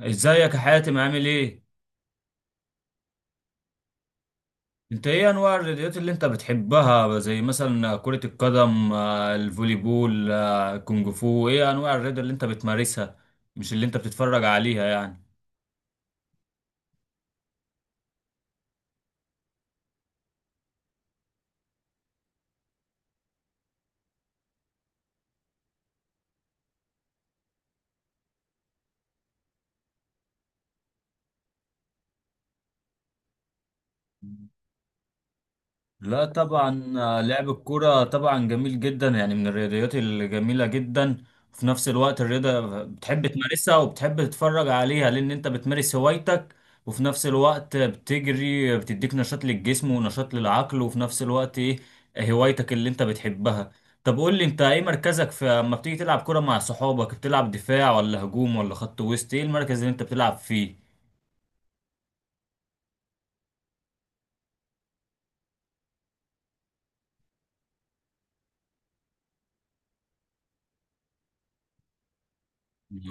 ازيك يا حاتم؟ عامل ايه؟ انت ايه انواع الرياضات اللي انت بتحبها؟ زي مثلا كرة القدم، الفولي بول، الكونج فو. ايه انواع الرياضة اللي انت بتمارسها؟ مش اللي انت بتتفرج عليها يعني. لا طبعا، لعب الكرة طبعا جميل جدا، يعني من الرياضيات الجميلة جدا. في نفس الوقت الرياضة بتحب تمارسها وبتحب تتفرج عليها، لأن أنت بتمارس هوايتك، وفي نفس الوقت بتجري، بتديك نشاط للجسم ونشاط للعقل، وفي نفس الوقت إيه، هوايتك اللي أنت بتحبها. طب قول لي أنت، إيه مركزك؟ في أما بتيجي تلعب كرة مع صحابك، بتلعب دفاع ولا هجوم ولا خط وسط؟ إيه المركز اللي أنت بتلعب فيه؟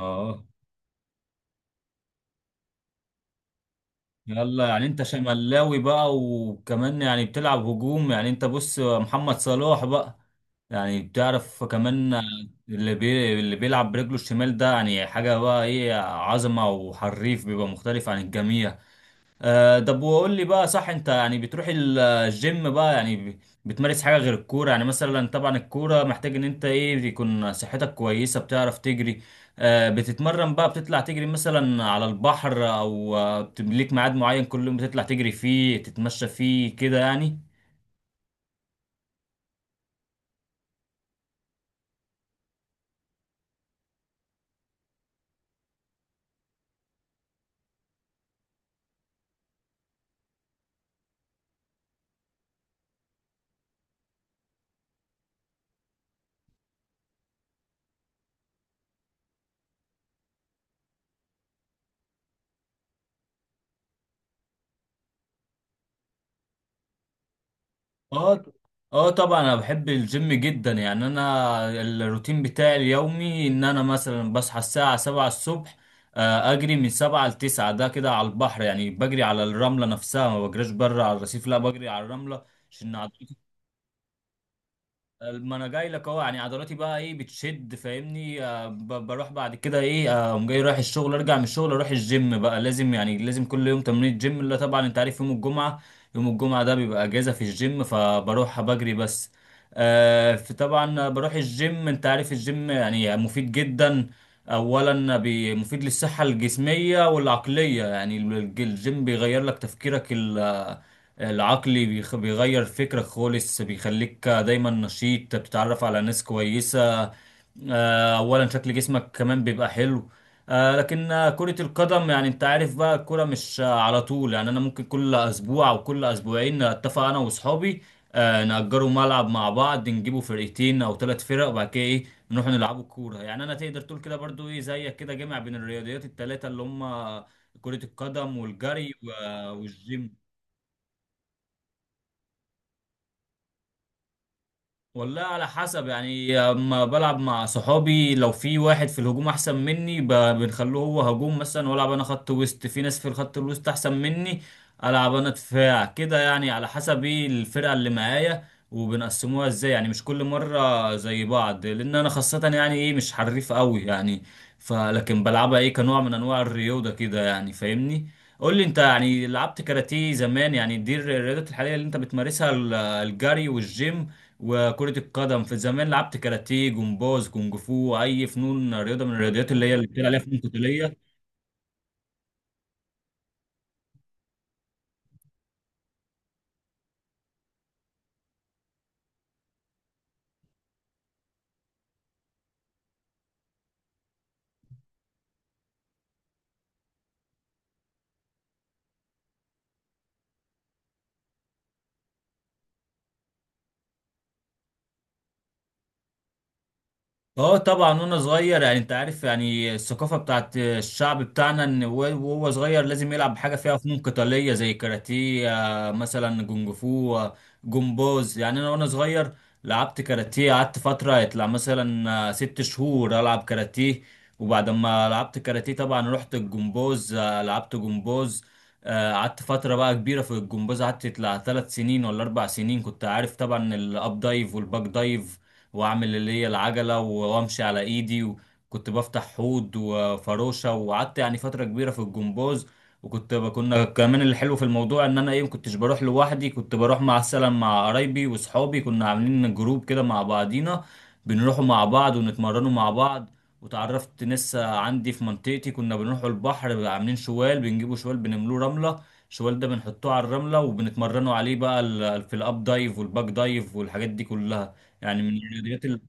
آه. يلا يعني انت شملاوي بقى، وكمان يعني بتلعب هجوم. يعني انت بص، محمد صلاح بقى. يعني بتعرف كمان اللي بيلعب برجله الشمال ده يعني حاجة بقى، ايه، عظمة وحريف، بيبقى مختلف عن الجميع. طب وقول لي بقى، صح انت يعني بتروح الجيم بقى، يعني بتمارس حاجة غير الكورة؟ يعني مثلا طبعا الكورة محتاج ان انت ايه، يكون صحتك كويسة، بتعرف تجري، بتتمرن بقى، بتطلع تجري مثلا على البحر؟ او ليك ميعاد معين كل يوم بتطلع تجري فيه، تتمشى فيه كده يعني. اه. اه طبعا انا بحب الجيم جدا. يعني انا الروتين بتاعي اليومي ان انا مثلا بصحى الساعة 7 الصبح، اجري من 7 لـ9، ده كده على البحر، يعني بجري على الرملة نفسها، ما بجريش بره على الرصيف، لا بجري على الرملة عشان عضلات. ما انا جاي لك اهو. يعني عضلاتي بقى ايه بتشد، فاهمني؟ بروح بعد كده ايه، اقوم جاي رايح الشغل، ارجع من الشغل اروح الجيم بقى. لازم يعني لازم كل يوم تمرين الجيم، اللي طبعا انت عارف يوم الجمعة، يوم الجمعة ده بيبقى اجازة في الجيم، فبروح بجري بس. فطبعا بروح الجيم. انت عارف الجيم يعني مفيد جدا. اولا مفيد للصحة الجسمية والعقلية. يعني الجيم بيغير لك تفكيرك العقلي، بيغير فكرك خالص، بيخليك دايما نشيط، بتتعرف على ناس كويسة. اولا شكل جسمك كمان بيبقى حلو. لكن كرة القدم يعني انت عارف بقى، الكرة مش على طول. يعني انا ممكن كل اسبوع او كل اسبوعين اتفق انا واصحابي، نأجروا ملعب مع بعض، نجيبوا فرقتين او 3 فرق، وبعد كده ايه نروح نلعبوا كورة. يعني انا تقدر تقول كده برضو ايه، زيك كده، جامع بين الرياضيات الثلاثة اللي هم كرة القدم والجري والجيم. والله على حسب. يعني اما بلعب مع صحابي، لو في واحد في الهجوم احسن مني بنخلوه هو هجوم مثلا، والعب انا خط وسط. في ناس في الخط الوسط احسن مني، العب انا دفاع كده. يعني على حسب ايه الفرقه اللي معايا، وبنقسموها ازاي. يعني مش كل مره زي بعض، لان انا خاصه يعني ايه، مش حريف قوي يعني، فلكن بلعبها ايه، كنوع من انواع الرياضه كده يعني، فاهمني؟ قول لي انت، يعني لعبت كاراتيه زمان؟ يعني دي الرياضات الحاليه اللي انت بتمارسها، الجري والجيم وكرة القدم. في زمان لعبت كاراتيه، جمباز، كونج فو، أي فنون رياضة من الرياضيات اللي هي اللي بتلعب عليها فنون قتالية؟ اه طبعا وانا صغير. يعني انت عارف، يعني الثقافه بتاعت الشعب بتاعنا ان وهو صغير لازم يلعب حاجه فيها فنون قتاليه، زي كاراتيه، مثلا جونج فو، جمباز. يعني انا وانا صغير لعبت كاراتيه، قعدت فتره يطلع مثلا 6 شهور العب كاراتيه. وبعد ما لعبت كاراتيه طبعا رحت الجمباز، لعبت جمباز، قعدت فترة بقى كبيرة في الجمباز. قعدت يطلع 3 سنين ولا 4 سنين. كنت عارف طبعا الأب دايف والباك دايف، واعمل اللي هي العجله، وامشي على ايدي، وكنت بفتح حوض وفروشه. وقعدت يعني فتره كبيره في الجمباز. كنا كمان اللي حلو في الموضوع ان انا ايه، ما كنتش بروح لوحدي، كنت بروح مع السلام مع قرايبي واصحابي. كنا عاملين جروب كده مع بعضينا، بنروحوا مع بعض ونتمرنوا مع بعض. وتعرفت ناس عندي في منطقتي. كنا بنروحوا البحر عاملين شوال، بنجيبوا شوال بنملوه رملة، الشوال ده بنحطوه على الرملة وبنتمرنوا عليه بقى، في الاب دايف والباك دايف والحاجات دي كلها. يعني من الرياضيات ال...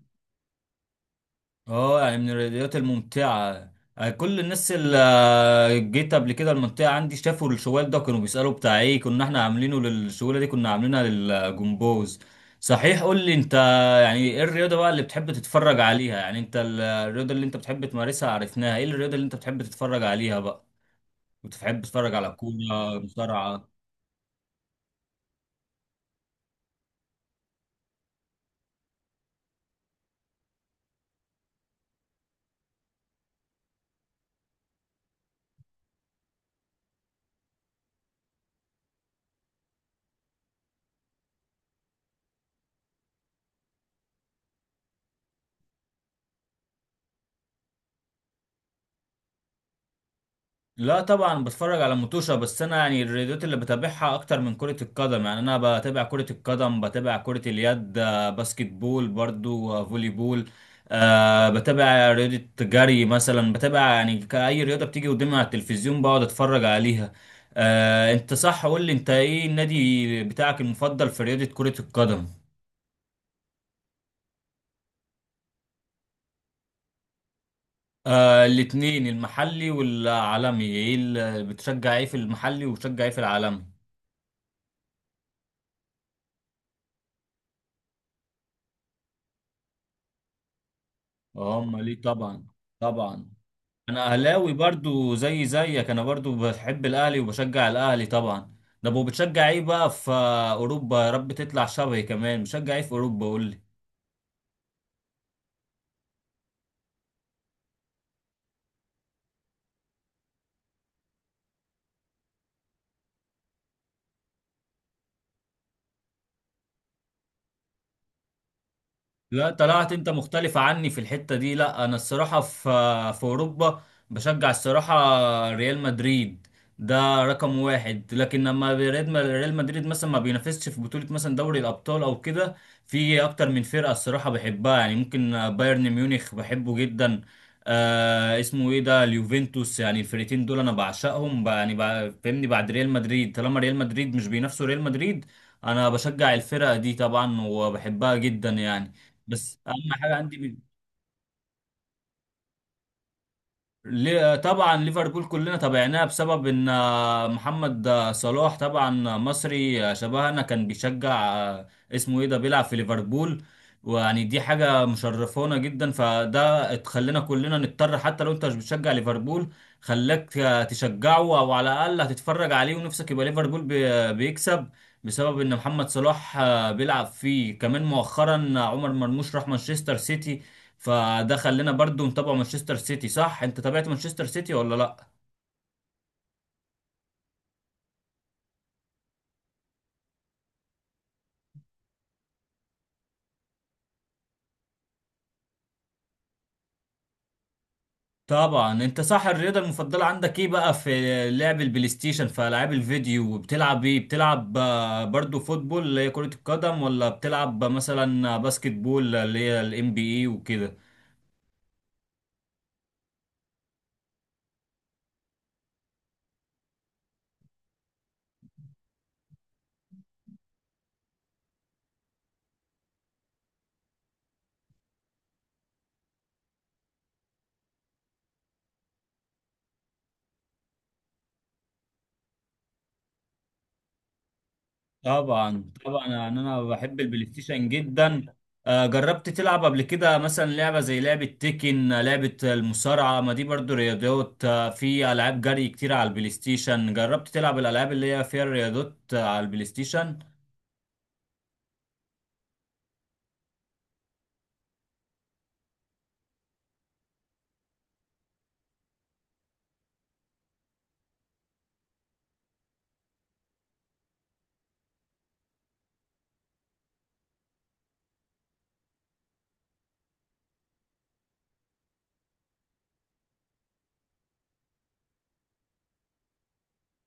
اه يعني من الرياضيات الممتعة. كل الناس اللي جيت قبل كده المنطقة عندي شافوا الشوال ده كانوا بيسألوا بتاع ايه. كنا احنا عاملينه للشوالة دي، كنا عاملينها للجمبوز. صحيح، قول لي انت، يعني ايه الرياضة بقى اللي بتحب تتفرج عليها؟ يعني انت الرياضة اللي انت بتحب تمارسها عرفناها، ايه الرياضة اللي انت بتحب تتفرج عليها بقى؟ بتحب تتفرج على كورة، مصارعة؟ لا طبعا بتفرج على متوشة. بس انا يعني الرياضات اللي بتابعها اكتر من كرة القدم، يعني انا بتابع كرة القدم، بتابع كرة اليد، باسكت بول برضو، فولي بول. أه بتابع رياضة جري مثلا، بتابع يعني كأي رياضة بتيجي قدامي على التلفزيون بقعد اتفرج عليها. أه انت صح. قول لي انت، ايه النادي بتاعك المفضل في رياضة كرة القدم؟ أه الاتنين، المحلي والعالمي. ايه اللي بتشجع، ايه في المحلي وبتشجع ايه في العالمي؟ اه امال ايه طبعا. طبعا انا اهلاوي برضو زي زيك، انا برضو بحب الاهلي وبشجع الاهلي طبعا. ده بتشجع ايه بقى في اوروبا؟ يا رب تطلع شبهي كمان. بشجع ايه في اوروبا؟ قول لي. لا طلعت انت مختلف عني في الحتة دي. لا انا الصراحة في اوروبا بشجع الصراحة ريال مدريد، ده رقم 1. لكن لما ريال مدريد مثلا ما بينافسش في بطولة مثلا دوري الابطال او كده، في اكتر من فرقة الصراحة بحبها. يعني ممكن بايرن ميونخ بحبه جدا، آه اسمه ايه ده، اليوفنتوس. يعني الفرقتين دول انا بعشقهم بقى، يعني بقى فاهمني بعد ريال مدريد، طالما ريال مدريد مش بينافسوا ريال مدريد انا بشجع الفرقة دي طبعا وبحبها جدا يعني. بس اهم حاجه عندي مين. طبعا ليفربول كلنا تابعناها بسبب ان محمد صلاح طبعا مصري، شبهنا كان بيشجع، اسمه ايه ده، بيلعب في ليفربول. ويعني دي حاجه مشرفونا جدا، فده اتخلينا كلنا نضطر حتى لو انت مش بتشجع ليفربول خلاك تشجعه، او على الاقل هتتفرج عليه ونفسك يبقى ليفربول بيكسب بسبب ان محمد صلاح بيلعب فيه. كمان مؤخرا عمر مرموش راح مانشستر سيتي، فده خلينا برضو نتابع مانشستر سيتي. صح انت تابعت مانشستر سيتي ولا لا؟ طبعا انت صح. الرياضه المفضله عندك ايه بقى في لعب البلاي ستيشن؟ في العاب الفيديو وبتلعب ايه؟ بتلعب برضو فوتبول اللي هي كره القدم، ولا بتلعب مثلا باسكت بول اللي هي الام بي اي وكده؟ طبعا طبعا يعني انا بحب البلاي ستيشن جدا. جربت تلعب قبل كده مثلا لعبه زي لعبه تيكن، لعبه المصارعه؟ ما دي برضو رياضات. في العاب جري كتير على البلاي ستيشن. جربت تلعب الالعاب اللي هي فيها الرياضات على البلاي ستيشن؟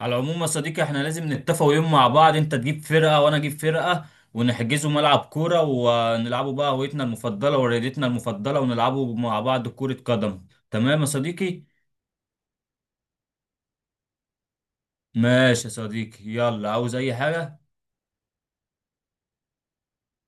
على العموم يا صديقي، احنا لازم نتفق يوم مع بعض، انت تجيب فرقه وانا اجيب فرقه، ونحجزوا ملعب كوره، ونلعبوا بقى هويتنا المفضله ورياضتنا المفضله، ونلعبوا مع بعض كره قدم. تمام يا صديقي؟ ماشي يا صديقي، يلا، عاوز اي حاجه؟